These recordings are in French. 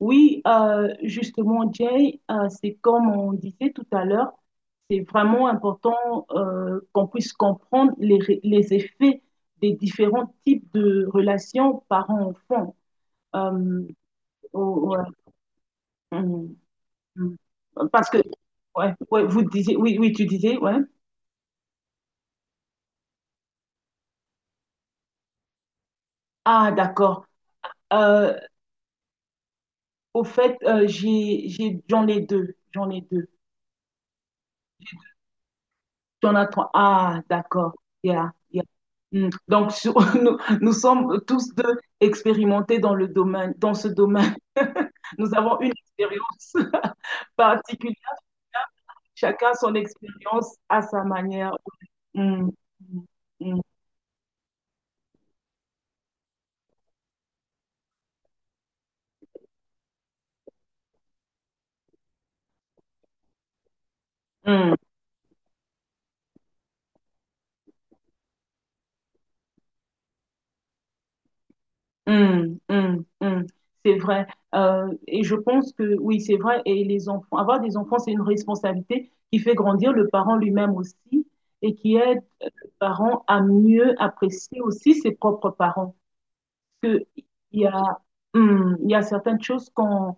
Oui, justement, Jay, c'est comme on disait tout à l'heure, c'est vraiment important qu'on puisse comprendre les effets des différents types de relations parents-enfants. Euh, oh, ouais. Hum, hum. Parce que, ouais, ouais, vous disiez, oui, oui, tu disais, ouais. Ah, d'accord. Euh, Au fait, j'en ai deux, j'en ai deux. Jonathan, ah, d'accord. Yeah, yeah. Mm. Donc, nous sommes tous deux expérimentés dans le domaine, dans ce domaine. Nous avons une expérience particulière. Chacun son expérience à sa manière. Mm, mm, mm, mm. Hum, hum, hum. C'est vrai. Et je pense que oui, c'est vrai. Et les enfants, avoir des enfants, c'est une responsabilité qui fait grandir le parent lui-même aussi et qui aide le parent à mieux apprécier aussi ses propres parents que il y a, il y a certaines choses qu'on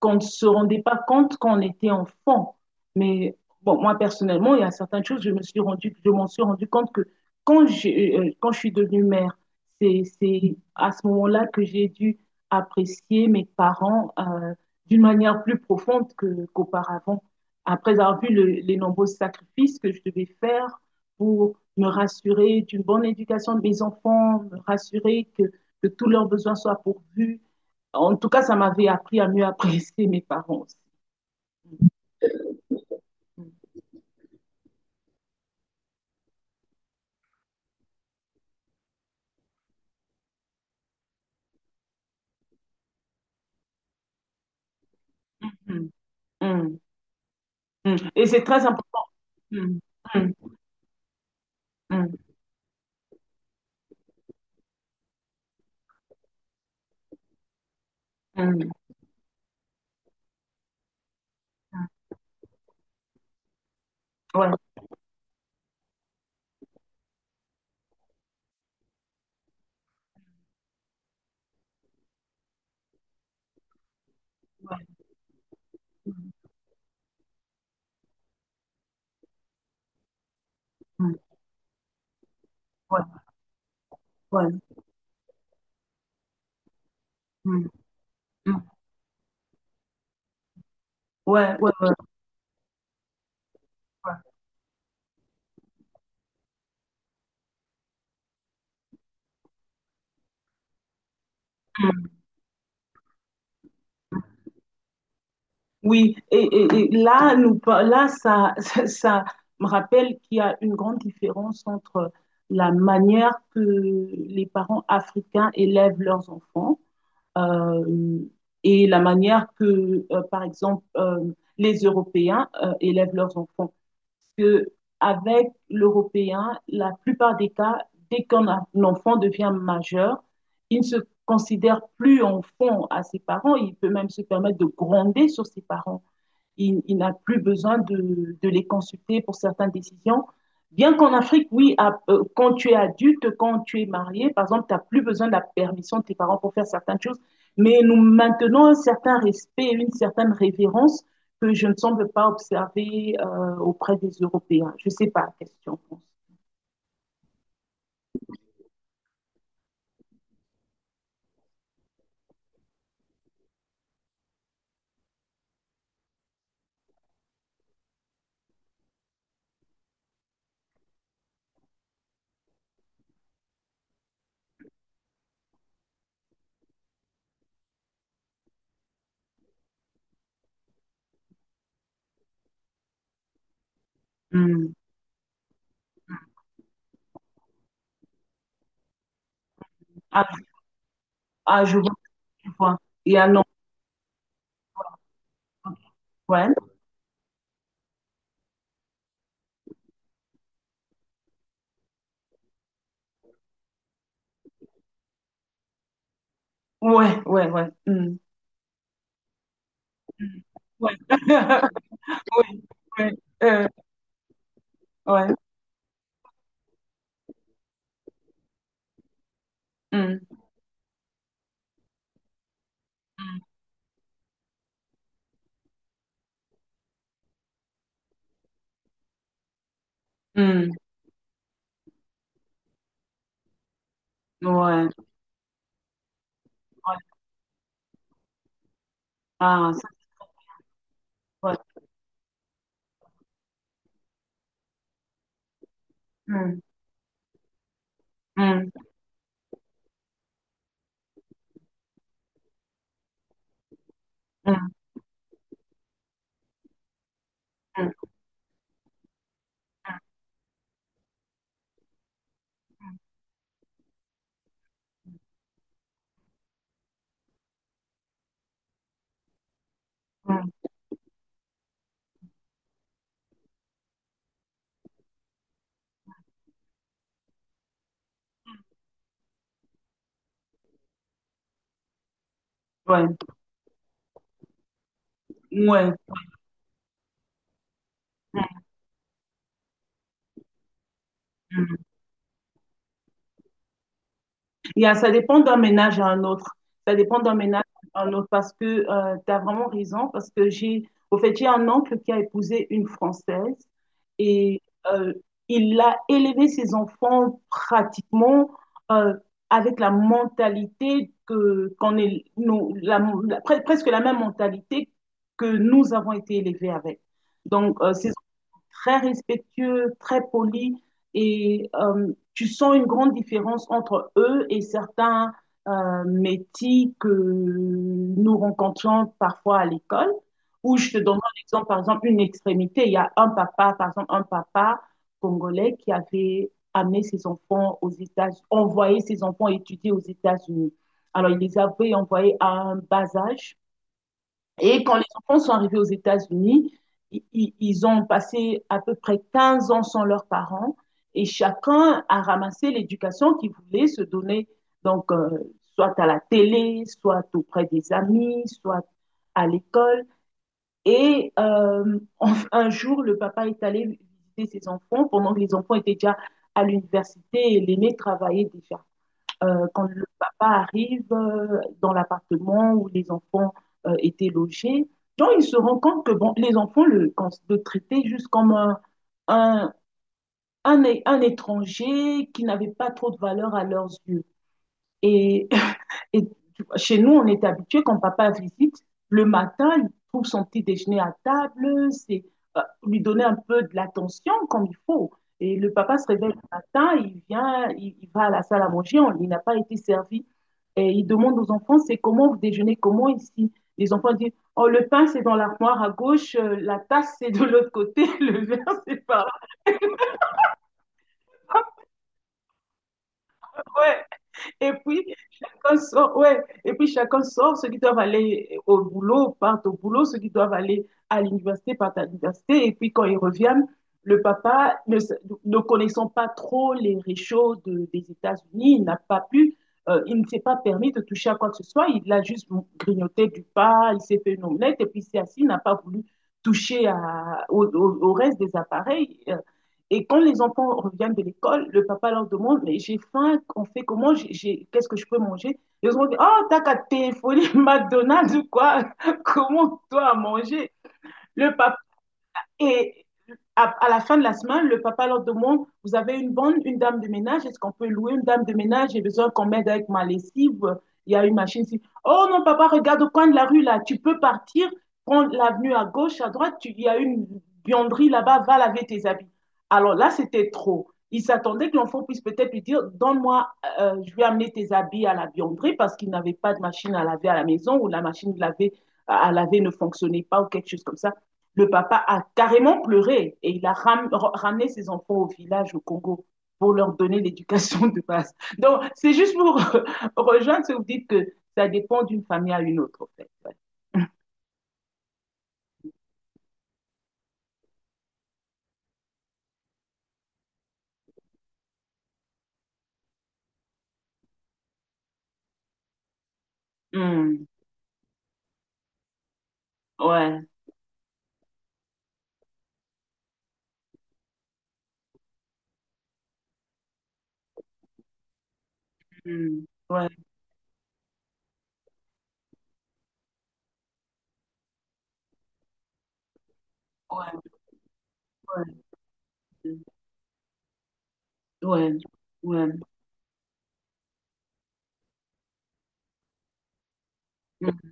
qu'on ne se rendait pas compte quand on était enfant. Mais bon, moi personnellement, il y a certaines choses, je m'en suis rendu compte que quand je suis devenue mère, c'est à ce moment-là que j'ai dû apprécier mes parents d'une manière plus profonde qu'auparavant. Après avoir vu les nombreux sacrifices que je devais faire pour me rassurer d'une bonne éducation de mes enfants, me rassurer que tous leurs besoins soient pourvus. En tout cas, ça m'avait appris à mieux apprécier mes parents aussi. Mhm. Mhm. Mhm. Et c'est très important. Mhm. Mhm. Mhm. Mhm. Ouais. Ouais. Mhm. Ouais. Ouais. Mhm. Mhm. Ouais. Ouais. Ouais. Ouais. Mhm. Oui, et là, là ça, ça me rappelle qu'il y a une grande différence entre la manière que les parents africains élèvent leurs enfants euh, et la manière que, par exemple, les Européens élèvent leurs enfants. Parce que avec l'Européen, la plupart des cas, dès un enfant devient majeur, il ne se considère plus enfant à ses parents. Il peut même se permettre de gronder sur ses parents. Il n'a plus besoin de les consulter pour certaines décisions. Bien qu'en Afrique, oui, quand tu es adulte, quand tu es marié, par exemple, tu n'as plus besoin de la permission de tes parents pour faire certaines choses, mais nous maintenons un certain respect, une certaine révérence que je ne semble pas observer auprès des Européens. Je ne sais pas, question. Mm. Ah, ah, je vois, tu vois. Et à non, ouais, ouais, ouais, ouais. Mm. Ouais. Ouais, ouais, euh, ouais. Mm. Mmh. Ouais, ouais. Ah, ça, ouais. Mmh. Mmh. Mmh. Mmh. Mmh. Ouais. Ouais. Mmh. Mmh. Ça dépend d'un ménage à un autre. Ça dépend d'un ménage à un autre parce que tu as vraiment raison. Parce que au fait, j'ai un oncle qui a épousé une Française et euh, il a élevé ses enfants pratiquement euh, avec la mentalité qu'on est, nous, presque la même mentalité que nous avons été élevés avec. Donc, ses très respectueux, très polis. Et tu sens une grande différence entre eux et certains métis que nous rencontrons parfois à l'école, où je te donne un exemple, par exemple, une extrémité. Il y a un papa, par exemple, un papa congolais qui avait amené ses enfants aux États-Unis, envoyé ses enfants étudier aux États-Unis. Alors, il les avait envoyés à un bas âge et quand les enfants sont arrivés aux États-Unis, ils ont passé à peu près 15 ans sans leurs parents et chacun a ramassé l'éducation qu'il voulait se donner. Donc, soit à la télé, soit auprès des amis, soit à l'école. Et un jour, le papa est allé visiter ses enfants pendant que les enfants étaient déjà à l'université et l'aîné travaillait déjà. Quand le papa arrive dans l'appartement où les enfants étaient logés, donc il se rend compte que bon, les enfants le traitaient juste comme un, un étranger qui n'avait pas trop de valeur à leurs yeux. Et et chez nous, on est habitué quand papa visite, le matin, il trouve son petit déjeuner à table, c'est euh, lui donner un peu de l'attention comme il faut. Et le papa se réveille le matin, il vient, il va à la salle à manger, il n'a pas été servi. Et il demande aux enfants, c'est comment vous déjeunez, comment ici? Les enfants disent, oh, le pain, c'est dans l'armoire à gauche, la tasse, c'est de l'autre côté, le verre, c'est par là. Ouais. Et puis, chacun sort, ouais. Et puis chacun sort, ceux qui doivent aller au boulot partent au boulot, ceux qui doivent aller à l'université partent à l'université. Et puis quand ils reviennent, le papa, ne connaissant pas trop les réchauds des États-Unis, il n'a pas pu, il ne s'est pas permis de toucher à quoi que ce soit. Il a juste grignoté du pain, il s'est fait une omelette et puis il s'est assis, il n'a pas voulu toucher au reste des appareils. Et quand les enfants reviennent de l'école, le papa leur demande, mais j'ai faim, on fait comment, qu'est-ce que je peux manger? Ils ont dit, oh, t'as qu'à téléphoner McDonald's ou quoi? Comment toi à manger? Le papa. Et à la fin de la semaine, le papa leur demande, vous avez une bonne, une dame de ménage, est-ce qu'on peut louer une dame de ménage? J'ai besoin qu'on m'aide avec ma lessive. Il y a une machine ici. Oh non, papa, regarde au coin de la rue là, tu peux partir, prendre l'avenue à gauche, à droite, il y a une buanderie là-bas, va laver tes habits. Alors là, c'était trop. Il s'attendait que l'enfant puisse peut-être lui dire, donne-moi, je vais amener tes habits à la buanderie parce qu'il n'avait pas de machine à laver à la maison ou la machine de laver à laver ne fonctionnait pas ou quelque chose comme ça. Le papa a carrément pleuré et il a ramené ses enfants au village au Congo pour leur donner l'éducation de base. Donc, c'est juste pour rejoindre ce que vous dites que ça dépend d'une famille à une autre, en fait. Ouais. Hmm. Ouais. Hmm. Ouais. Ouais. Ouais. Ouais. Ouais. Hmm.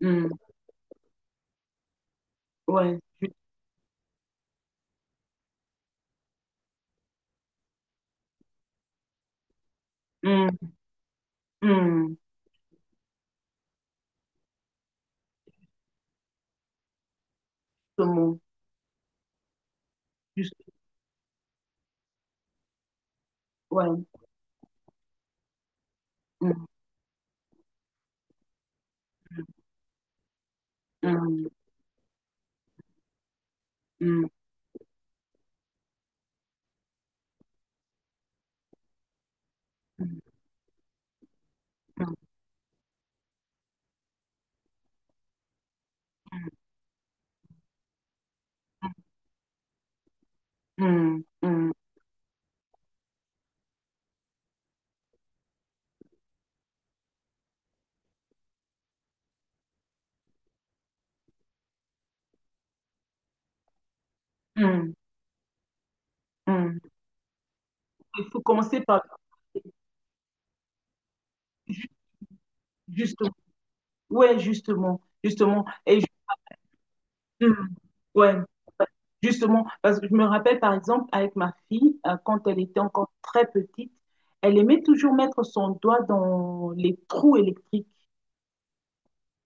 Hmm. Ouais. Hmm. Hmm. Justement. Juste. Ouais. Mm, mm, mm, mm, mm, mm, mm, mm, mm. Il faut commencer par justement, ouais, justement, justement, mm, ouais, justement, parce que je me rappelle par exemple avec ma fille quand elle était encore très petite, elle aimait toujours mettre son doigt dans les trous électriques,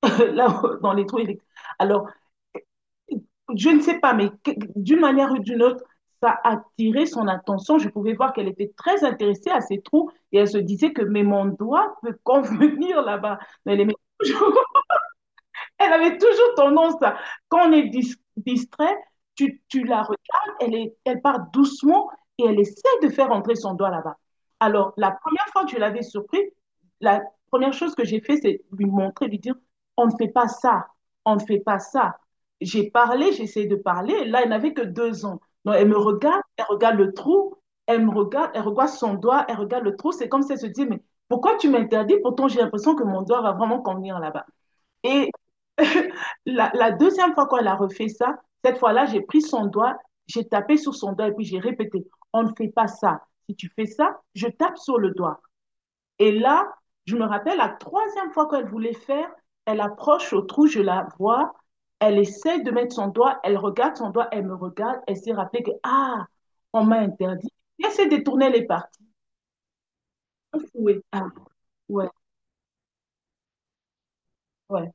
là, dans les trous électriques. Alors je ne sais pas, mais d'une manière ou d'une autre, ça attirait son attention. Je pouvais voir qu'elle était très intéressée à ces trous et elle se disait que mais mon doigt peut convenir là-bas. Mais toujours elle avait toujours tendance à, quand on est distrait, tu la regardes, elle part doucement et elle essaie de faire entrer son doigt là-bas. Alors, la première fois que je l'avais surpris, la première chose que j'ai fait, c'est lui montrer, lui dire, on ne fait pas ça, on ne fait pas ça. J'ai parlé, j'ai essayé de parler. Là, elle n'avait que 2 ans. Donc, elle me regarde, elle regarde le trou, elle me regarde, elle regarde son doigt, elle regarde le trou. C'est comme si elle se dit, mais pourquoi tu m'interdis? Pourtant, j'ai l'impression que mon doigt va vraiment convenir là-bas. Et la deuxième fois qu'elle a refait ça, cette fois-là, j'ai pris son doigt, j'ai tapé sur son doigt et puis j'ai répété, on ne fait pas ça. Si tu fais ça, je tape sur le doigt. Et là, je me rappelle, la troisième fois qu'elle voulait faire, elle approche au trou, je la vois, elle essaie de mettre son doigt, elle regarde son doigt, elle me regarde, elle s'est rappelée que, ah, on m'a interdit. Elle s'est détournée les parties. Oui, ah, ouais, ouais.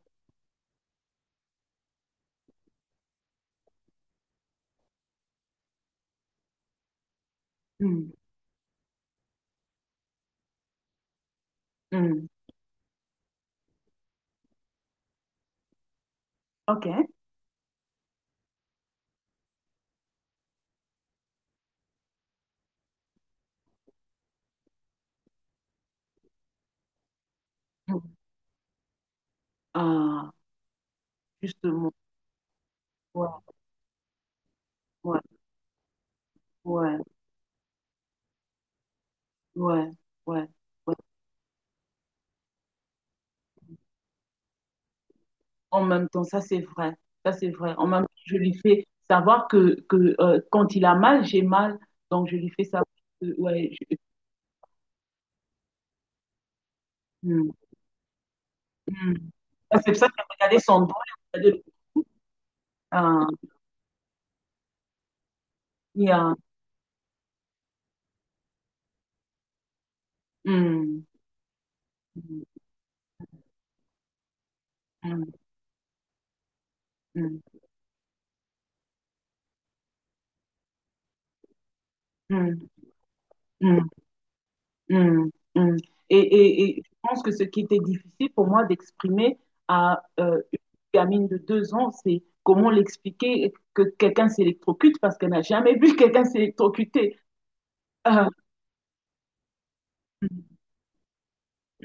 Hmm, hmm. OK. Hmm. Ah, justement. Ouais. Ouais, ouais, ouais, ouais, ouais. En même temps, ça c'est vrai, ça c'est vrai. En même temps, je lui fais savoir que quand il a mal, j'ai mal. Donc je lui fais savoir que, ouais, Hmm, hmm. Ah, c'est pour ça qu'il a regardé son doigt, il a regardé Ah, il y a- Hmm, hmm, hmm, hmm, hmm, hmm. Mm, mm. Et je pense que ce qui était difficile pour moi d'exprimer à une gamine de 2 ans, c'est comment l'expliquer que quelqu'un s'électrocute parce qu'elle n'a jamais vu quelqu'un s'électrocuter. Euh, mm,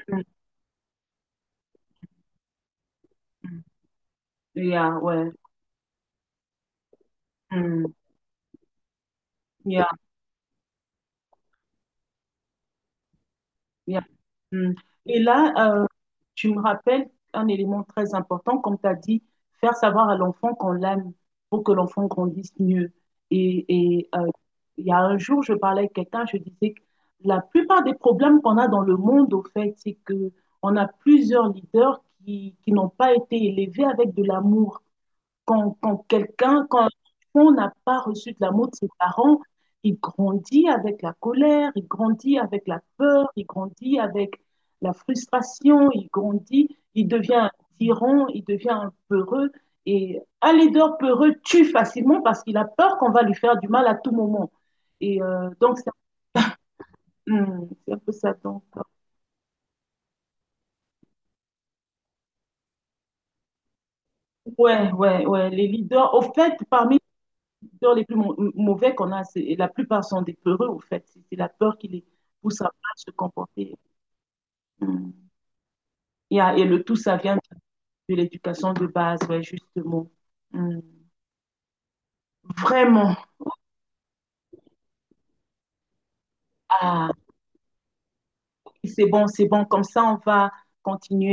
mm, mm. Yeah, ouais. Mm, yeah, yeah, mm. Et là, tu me rappelles un élément très important, comme tu as dit, faire savoir à l'enfant qu'on l'aime pour que l'enfant grandisse mieux. Et, et, euh, il y a un jour, je parlais avec quelqu'un, je disais que la plupart des problèmes qu'on a dans le monde, au fait, c'est que on a plusieurs leaders qui n'ont pas été élevés avec de l'amour. Quand on n'a pas reçu de l'amour de ses parents, il grandit avec la colère, il grandit avec la peur, il grandit avec la frustration, il grandit, il devient un tyran, il devient un peureux. Et un leader peureux tue facilement parce qu'il a peur qu'on va lui faire du mal à tout moment. Et donc, c'est un peu ça. Donc, ouais, ouais, ouais. Les leaders, au fait, parmi peurs les plus mauvais qu'on a, et la plupart sont des peureux, au fait. C'est la peur qui les pousse à se comporter. Mm. Et le tout, ça vient de l'éducation de base, ouais, justement. Mm. Vraiment. Ah, c'est bon, comme ça, on va continuer.